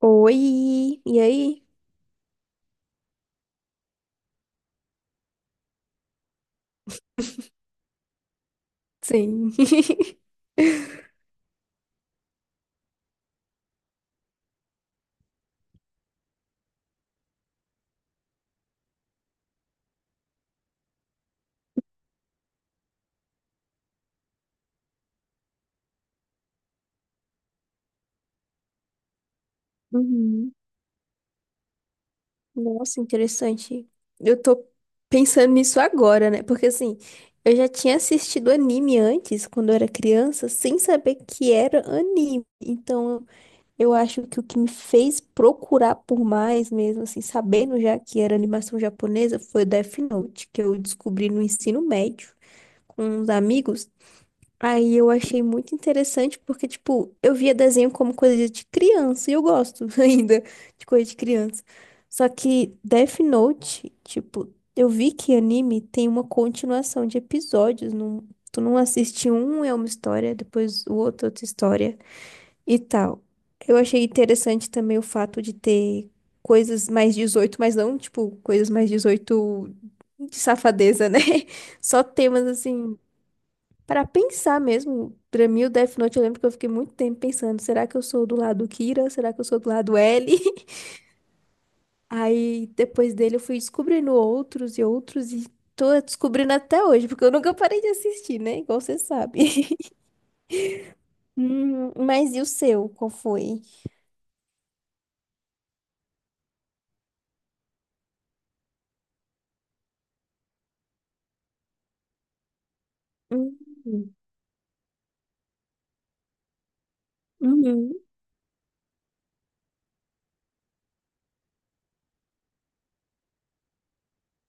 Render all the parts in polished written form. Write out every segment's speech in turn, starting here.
Oi, e aí? Sim. Uhum. Nossa, interessante. Eu tô pensando nisso agora, né? Porque assim, eu já tinha assistido anime antes, quando eu era criança, sem saber que era anime. Então, eu acho que o que me fez procurar por mais mesmo, assim, sabendo já que era animação japonesa, foi Death Note, que eu descobri no ensino médio com uns amigos. Aí eu achei muito interessante porque, tipo, eu via desenho como coisa de criança e eu gosto ainda de coisa de criança. Só que Death Note, tipo, eu vi que anime tem uma continuação de episódios. Não, tu não assiste um, é uma história, depois o outro, outra história e tal. Eu achei interessante também o fato de ter coisas mais dezoito, mas não, tipo, coisas mais 18 de safadeza, né? Só temas assim. Pra pensar mesmo, pra mim o Death Note, eu lembro que eu fiquei muito tempo pensando, será que eu sou do lado Kira? Será que eu sou do lado L? Aí depois dele eu fui descobrindo outros e outros e tô descobrindo até hoje, porque eu nunca parei de assistir, né? Igual você sabe. Mas e o seu? Qual foi? Hum, uhum,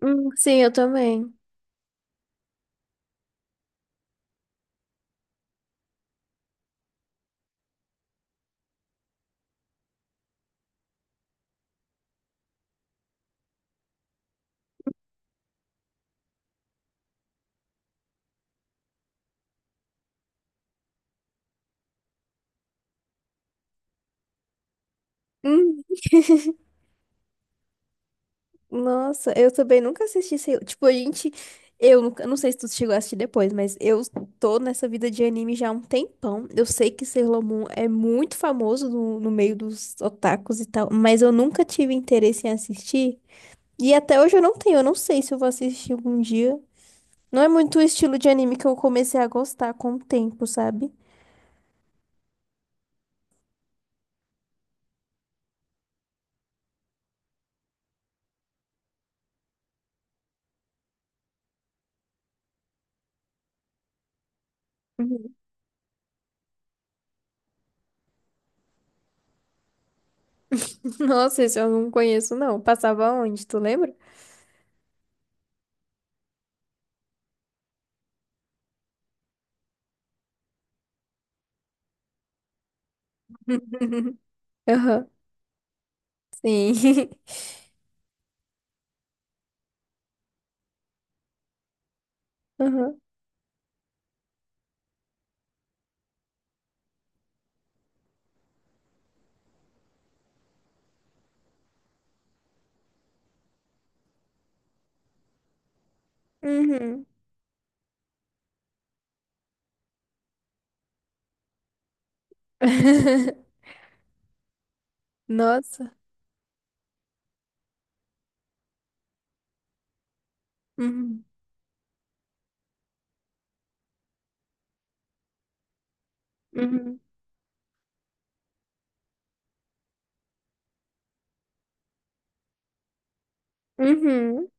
sim, eu também. Nossa, eu também nunca assisti, sei, tipo, a gente, eu nunca, não sei se tu chegou a assistir depois, mas eu tô nessa vida de anime já há um tempão. Eu sei que Sailor Moon é muito famoso no, no meio dos otakus e tal, mas eu nunca tive interesse em assistir. E até hoje eu não tenho, eu não sei se eu vou assistir algum dia. Não é muito o estilo de anime que eu comecei a gostar com o tempo, sabe? Uhum. Nossa, esse eu não conheço, não. Passava onde, tu lembra? Aham, sim. Aham. Uhum. Nossa. Uhum. Uhum. Uhum.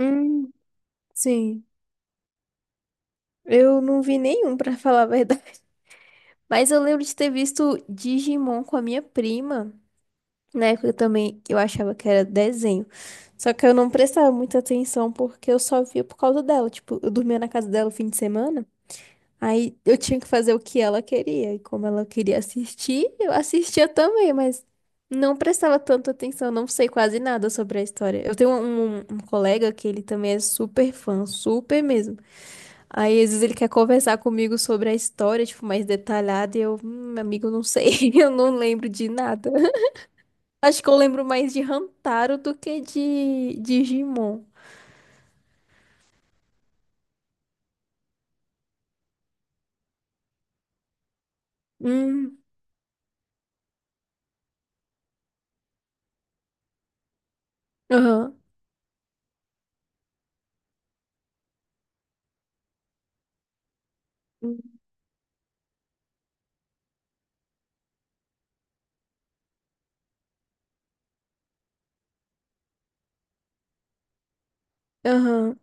Uhum. Sim. Eu não vi nenhum, pra falar a verdade. Mas eu lembro de ter visto Digimon com a minha prima. Na época também eu achava que era desenho. Só que eu não prestava muita atenção porque eu só via por causa dela. Tipo, eu dormia na casa dela o fim de semana. Aí eu tinha que fazer o que ela queria. E como ela queria assistir, eu assistia também, mas não prestava tanta atenção, não sei quase nada sobre a história. Eu tenho um colega que ele também é super fã, super mesmo. Aí às vezes ele quer conversar comigo sobre a história, tipo, mais detalhada, e eu, meu amigo, não sei, eu não lembro de nada. Acho que eu lembro mais de Hamtaro do que de Digimon. Hum, aham, hum, aham,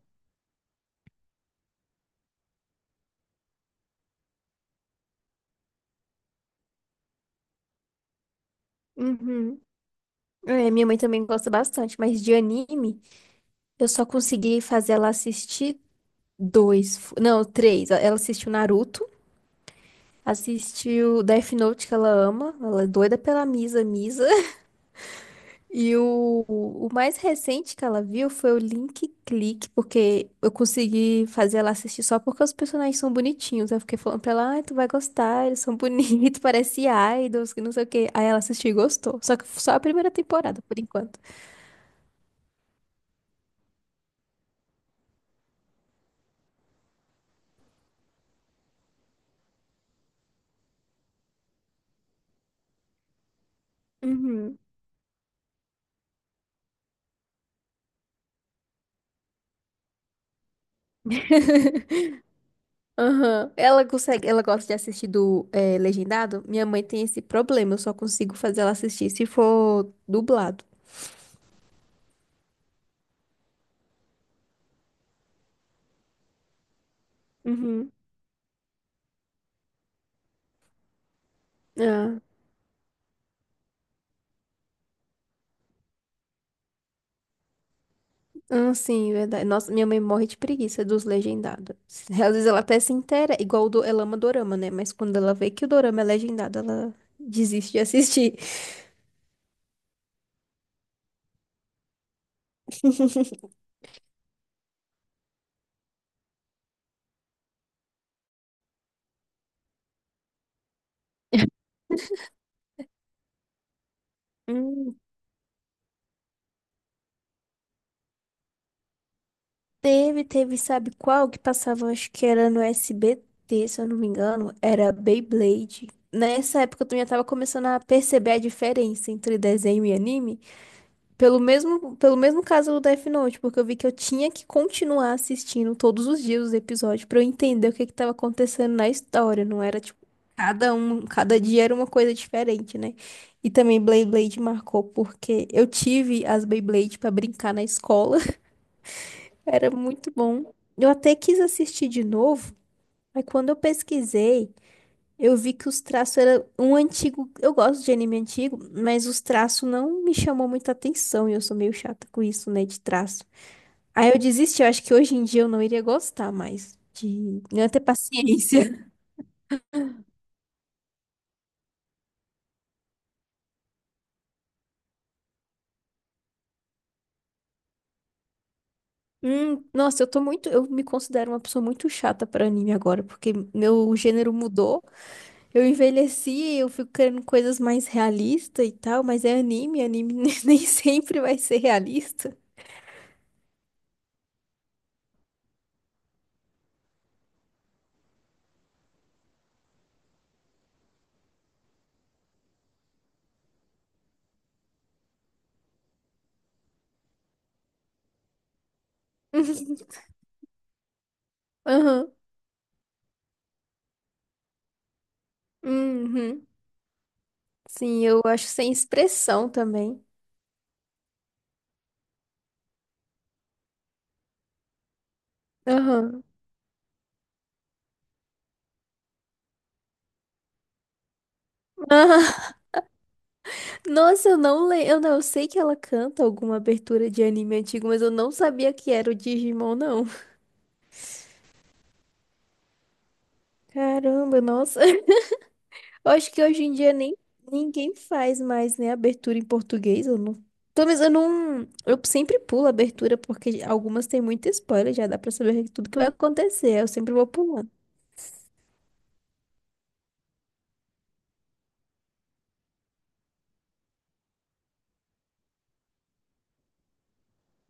uhum. É, minha mãe também gosta bastante, mas de anime, eu só consegui fazer ela assistir dois, não, três. Ela assistiu Naruto, assistiu Death Note, que ela ama, ela é doida pela Misa Misa. E o mais recente que ela viu foi o Link Click, porque eu consegui fazer ela assistir só porque os personagens são bonitinhos. Eu fiquei falando pra ela, ai, tu vai gostar, eles são bonitos, parece idols, que não sei o quê. Aí ela assistiu e gostou. Só que só a primeira temporada, por enquanto. Uhum. Aham. Ela consegue, ela gosta de assistir do legendado? Minha mãe tem esse problema, eu só consigo fazer ela assistir se for dublado. Uhum. Ah, ah, sim, verdade. Nossa, minha mãe morre de preguiça dos legendados. Às vezes ela até se inteira, igual o do, ela ama dorama, né? Mas quando ela vê que o dorama é legendado, ela desiste de assistir. Teve, teve, sabe qual que passava? Acho que era no SBT, se eu não me engano. Era Beyblade. Nessa época eu também já tava começando a perceber a diferença entre desenho e anime. Pelo mesmo caso do Death Note, porque eu vi que eu tinha que continuar assistindo todos os dias os episódios pra eu entender o que que tava acontecendo na história. Não era tipo, cada dia era uma coisa diferente, né? E também Beyblade marcou porque eu tive as Beyblade pra brincar na escola. Era muito bom. Eu até quis assistir de novo, mas quando eu pesquisei, eu vi que os traços eram um antigo. Eu gosto de anime antigo, mas os traços não me chamou muita atenção e eu sou meio chata com isso, né, de traço. Aí eu desisti, eu acho que hoje em dia eu não iria gostar mais de não ter paciência. Nossa, eu tô muito, eu me considero uma pessoa muito chata para anime agora, porque meu gênero mudou. Eu envelheci, eu fico querendo coisas mais realistas e tal, mas é anime, anime nem sempre vai ser realista. Aham, uhum. Sim, eu acho sem expressão também. Aham. Aham. Nossa, eu não lembro. Eu, não, eu sei que ela canta alguma abertura de anime antigo, mas eu não sabia que era o Digimon, não. Caramba, nossa. Eu acho que hoje em dia nem ninguém faz mais, né, abertura em português, eu não. Talvez eu não, eu sempre pulo a abertura porque algumas têm muito spoiler, já dá pra saber tudo que vai acontecer, eu sempre vou pulando.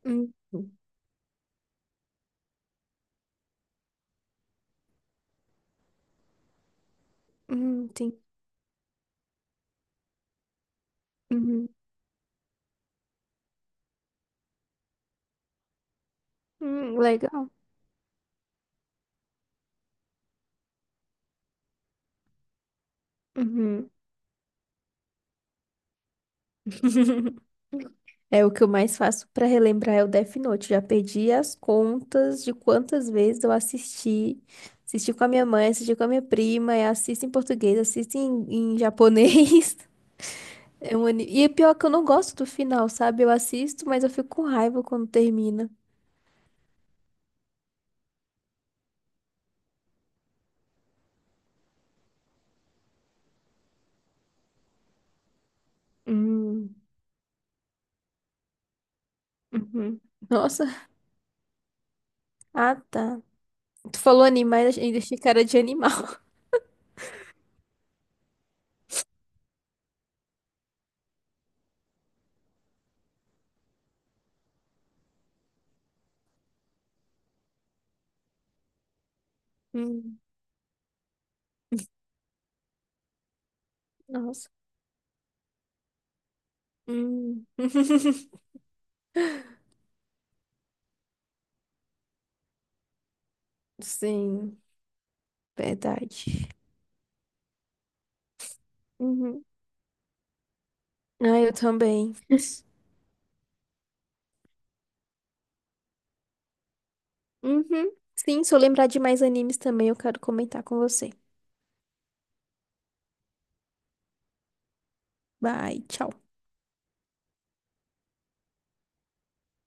Hum, tem- uhum, legal. Uhum. É o que eu mais faço pra relembrar é o Death Note. Já perdi as contas de quantas vezes eu assisti. Assisti com a minha mãe, assisti com a minha prima, e assisto em português, assisto em japonês. É um anime. E é pior que eu não gosto do final, sabe? Eu assisto, mas eu fico com raiva quando termina. Hum, uhum, nossa. Ah, tá. Tu falou animais, ainda achei cara de animal. Hum, nossa. Hum. Sim, verdade. Uhum, ah, eu também. Uhum. Sim, se eu lembrar de mais animes também, eu quero comentar com você. Bye, tchau.